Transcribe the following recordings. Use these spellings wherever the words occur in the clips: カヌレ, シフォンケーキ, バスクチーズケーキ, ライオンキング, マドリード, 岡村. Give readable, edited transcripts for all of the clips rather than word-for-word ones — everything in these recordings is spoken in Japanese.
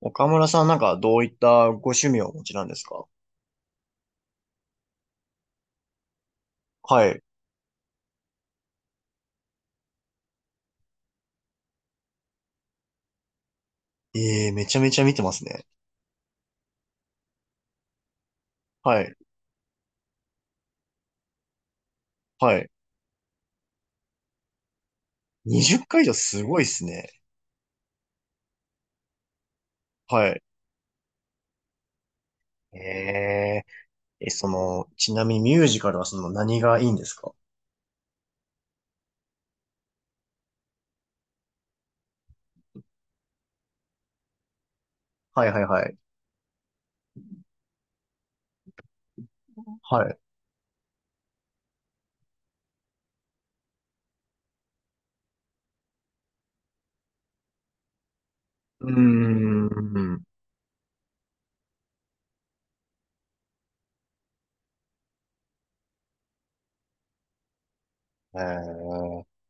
岡村さんなんかどういったご趣味をお持ちなんですか？はい。ええ、めちゃめちゃ見てますね。はい。はい。20回以上すごいっすね。はい。ええ、ちなみにミュージカルはその何がいいんですか？はいはいはい。はい。うーん。ええ、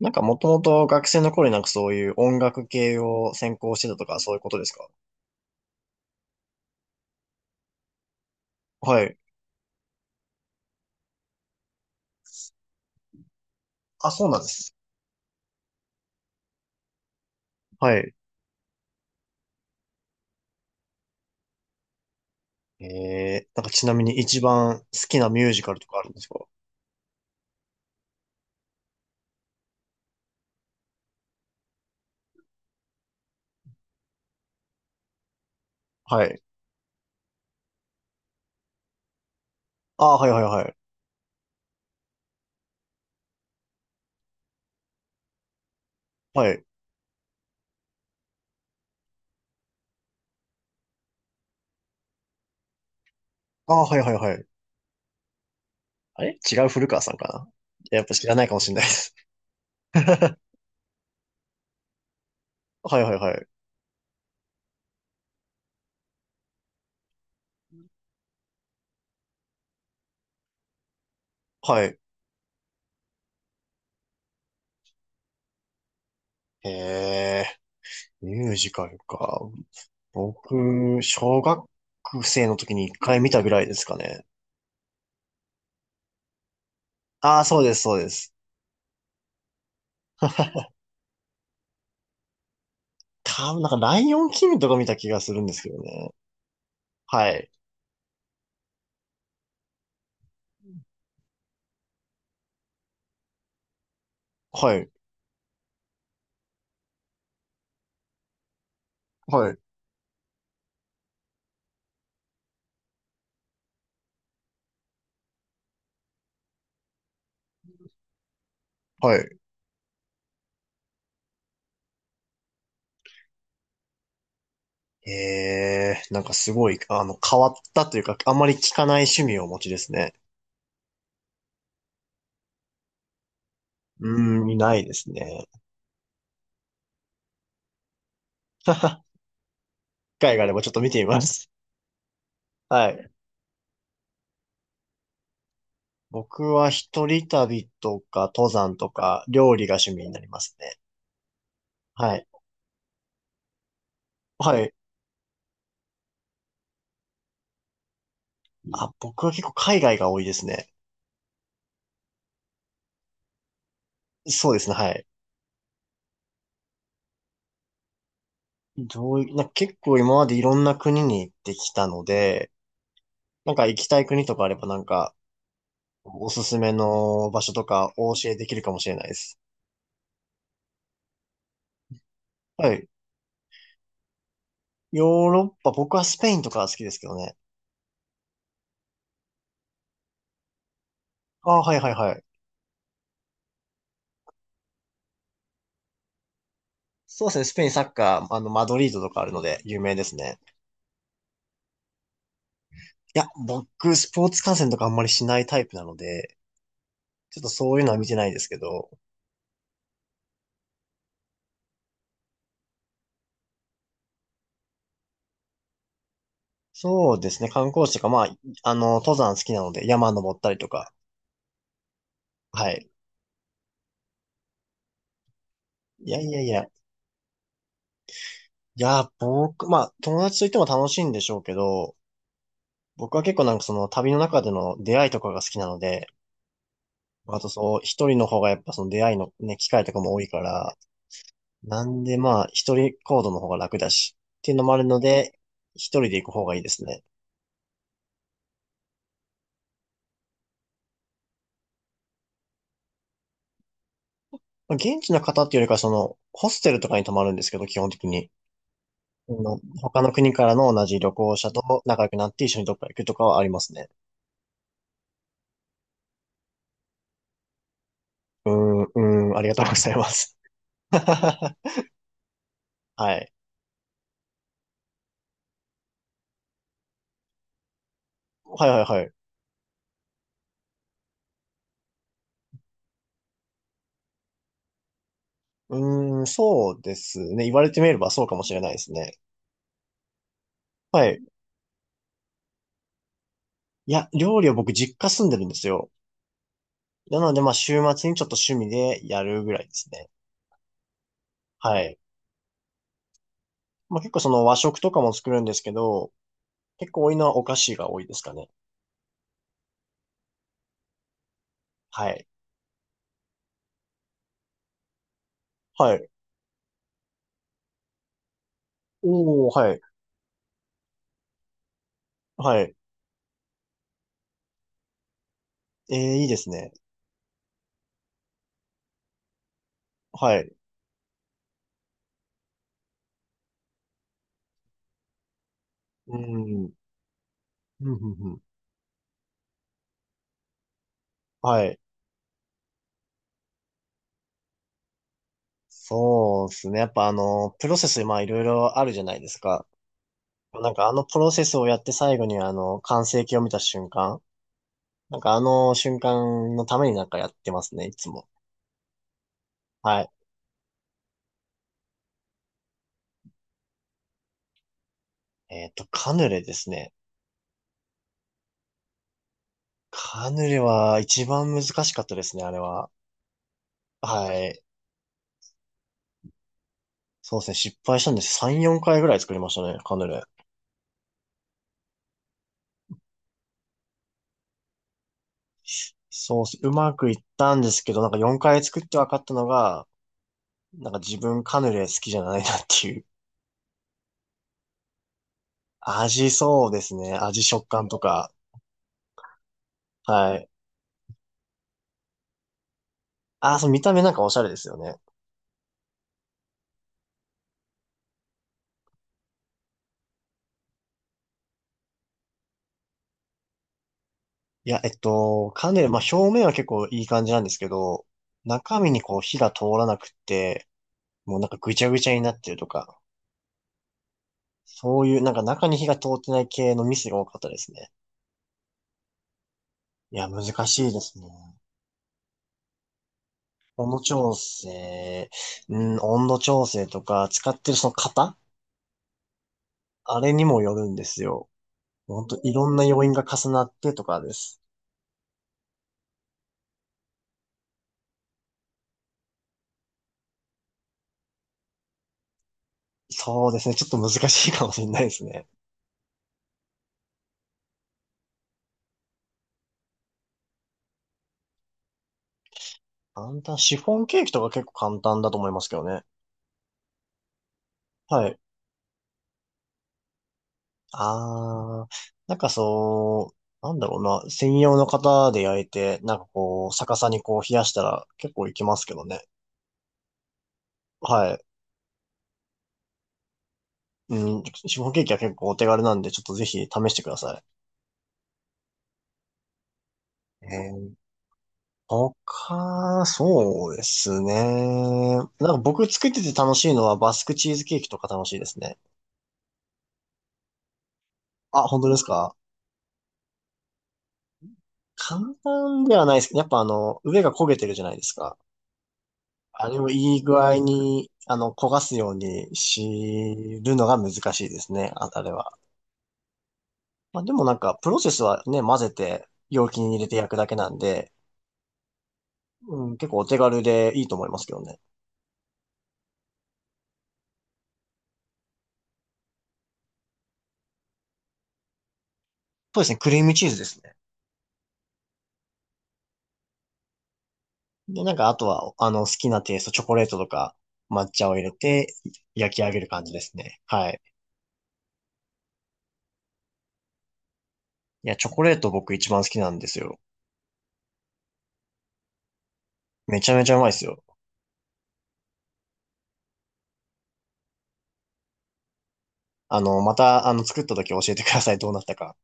なんかもともと学生の頃になんかそういう音楽系を専攻してたとかそういうことですか？はい。あ、そうなんです。はい。ええ、なんかちなみに一番好きなミュージカルとかあるんですか？はい。ああ、はいはいはい。はい。ああ、はいはいはい。あれ違う古川さんかな、やっぱ知らないかもしれないです。はいはいはい。はい。へえ、ミュージカルか。僕、小学生の時に一回見たぐらいですかね。ああ、そうです、そうです。多分なんか、ライオンキングとか見た気がするんですけどね。はい。はい。はい。はい。ええ、なんかすごい、変わったというか、あんまり聞かない趣味をお持ちですね。うーん、いないですね。会があればちょっと見てみます。はい。僕は一人旅とか登山とか料理が趣味になりますね。はい。はい。あ、僕は結構海外が多いですね。そうですね。はい。どういな、結構今までいろんな国に行ってきたので、なんか行きたい国とかあればなんかおすすめの場所とかお教えできるかもしれないです。はい。ヨーロッパ、僕はスペインとか好きですけどね。ああ、はいはいはい。そうですね。スペインサッカー、マドリードとかあるので有名ですね。いや、僕、スポーツ観戦とかあんまりしないタイプなので、ちょっとそういうのは見てないですけど、そうですね、観光地とか、まあ、登山好きなので、山登ったりとか、はい。いや、僕、まあ、友達といても楽しいんでしょうけど、僕は結構なんかその旅の中での出会いとかが好きなので、あとそう、一人の方がやっぱその出会いのね、機会とかも多いから、なんでまあ、一人行動の方が楽だし、っていうのもあるので、一人で行く方がいいですね。まあ現地の方っていうよりか、その、ホステルとかに泊まるんですけど、基本的に。あの他の国からの同じ旅行者と仲良くなって一緒にどっか行くとかはありますね。うーん、うーん、ありがとうございます。はい。はいはいはい。うーん、そうですね。言われてみればそうかもしれないですね。はい。いや、料理は僕実家住んでるんですよ。なので、まあ、週末にちょっと趣味でやるぐらいですね。はい。まあ、結構その和食とかも作るんですけど、結構多いのはお菓子が多いですかね。はい。はい。おー、はい。はい。ええ、いいですね。はい。うん。うん、うん、うん。はい。そうですね。やっぱあの、プロセス、まあいろいろあるじゃないですか。なんかあのプロセスをやって最後にあの、完成形を見た瞬間。なんかあの瞬間のためになんかやってますね、いつも。はい。カヌレですね。カヌレは一番難しかったですね、あれは。はい。そうですね。失敗したんです。3、4回ぐらい作りましたね、カヌレ。そうっす、うまくいったんですけど、なんか4回作って分かったのが、なんか自分カヌレ好きじゃないなっていう。味、そうですね。味、食感とか。はい。あー、そう、見た目なんかおしゃれですよね。いや、カヌレ、まあ表面は結構いい感じなんですけど、中身にこう火が通らなくって、もうなんかぐちゃぐちゃになってるとか、そういうなんか中に火が通ってない系のミスが多かったですね。いや、難しいですね。温度調整、うん、温度調整とか、使ってるその型あれにもよるんですよ。本当いろんな要因が重なってとかです。そうですね。ちょっと難しいかもしれないですね。簡単。シフォンケーキとか結構簡単だと思いますけどね。はい。あー、なんかそう、なんだろうな。専用の型で焼いて、なんかこう、逆さにこう冷やしたら結構いきますけどね。はい。うん、シフォンケーキは結構お手軽なんで、ちょっとぜひ試してください。えー、他、そうですね。なんか僕作ってて楽しいのはバスクチーズケーキとか楽しいですね。あ、本当ですか？簡単ではないですけど、やっぱあの、上が焦げてるじゃないですか。あれをいい具合に、焦がすようにしるのが難しいですね、ああれは。まあ、でもなんか、プロセスはね、混ぜて、容器に入れて焼くだけなんで、うん、結構お手軽でいいと思いますけどね。そうですね、クリームチーズですね。で、なんか、あとは、好きなテイスト、チョコレートとか、抹茶を入れて、焼き上げる感じですね。はい。いや、チョコレート僕一番好きなんですよ。めちゃめちゃうまいですよ。また、作った時教えてください。どうなったか。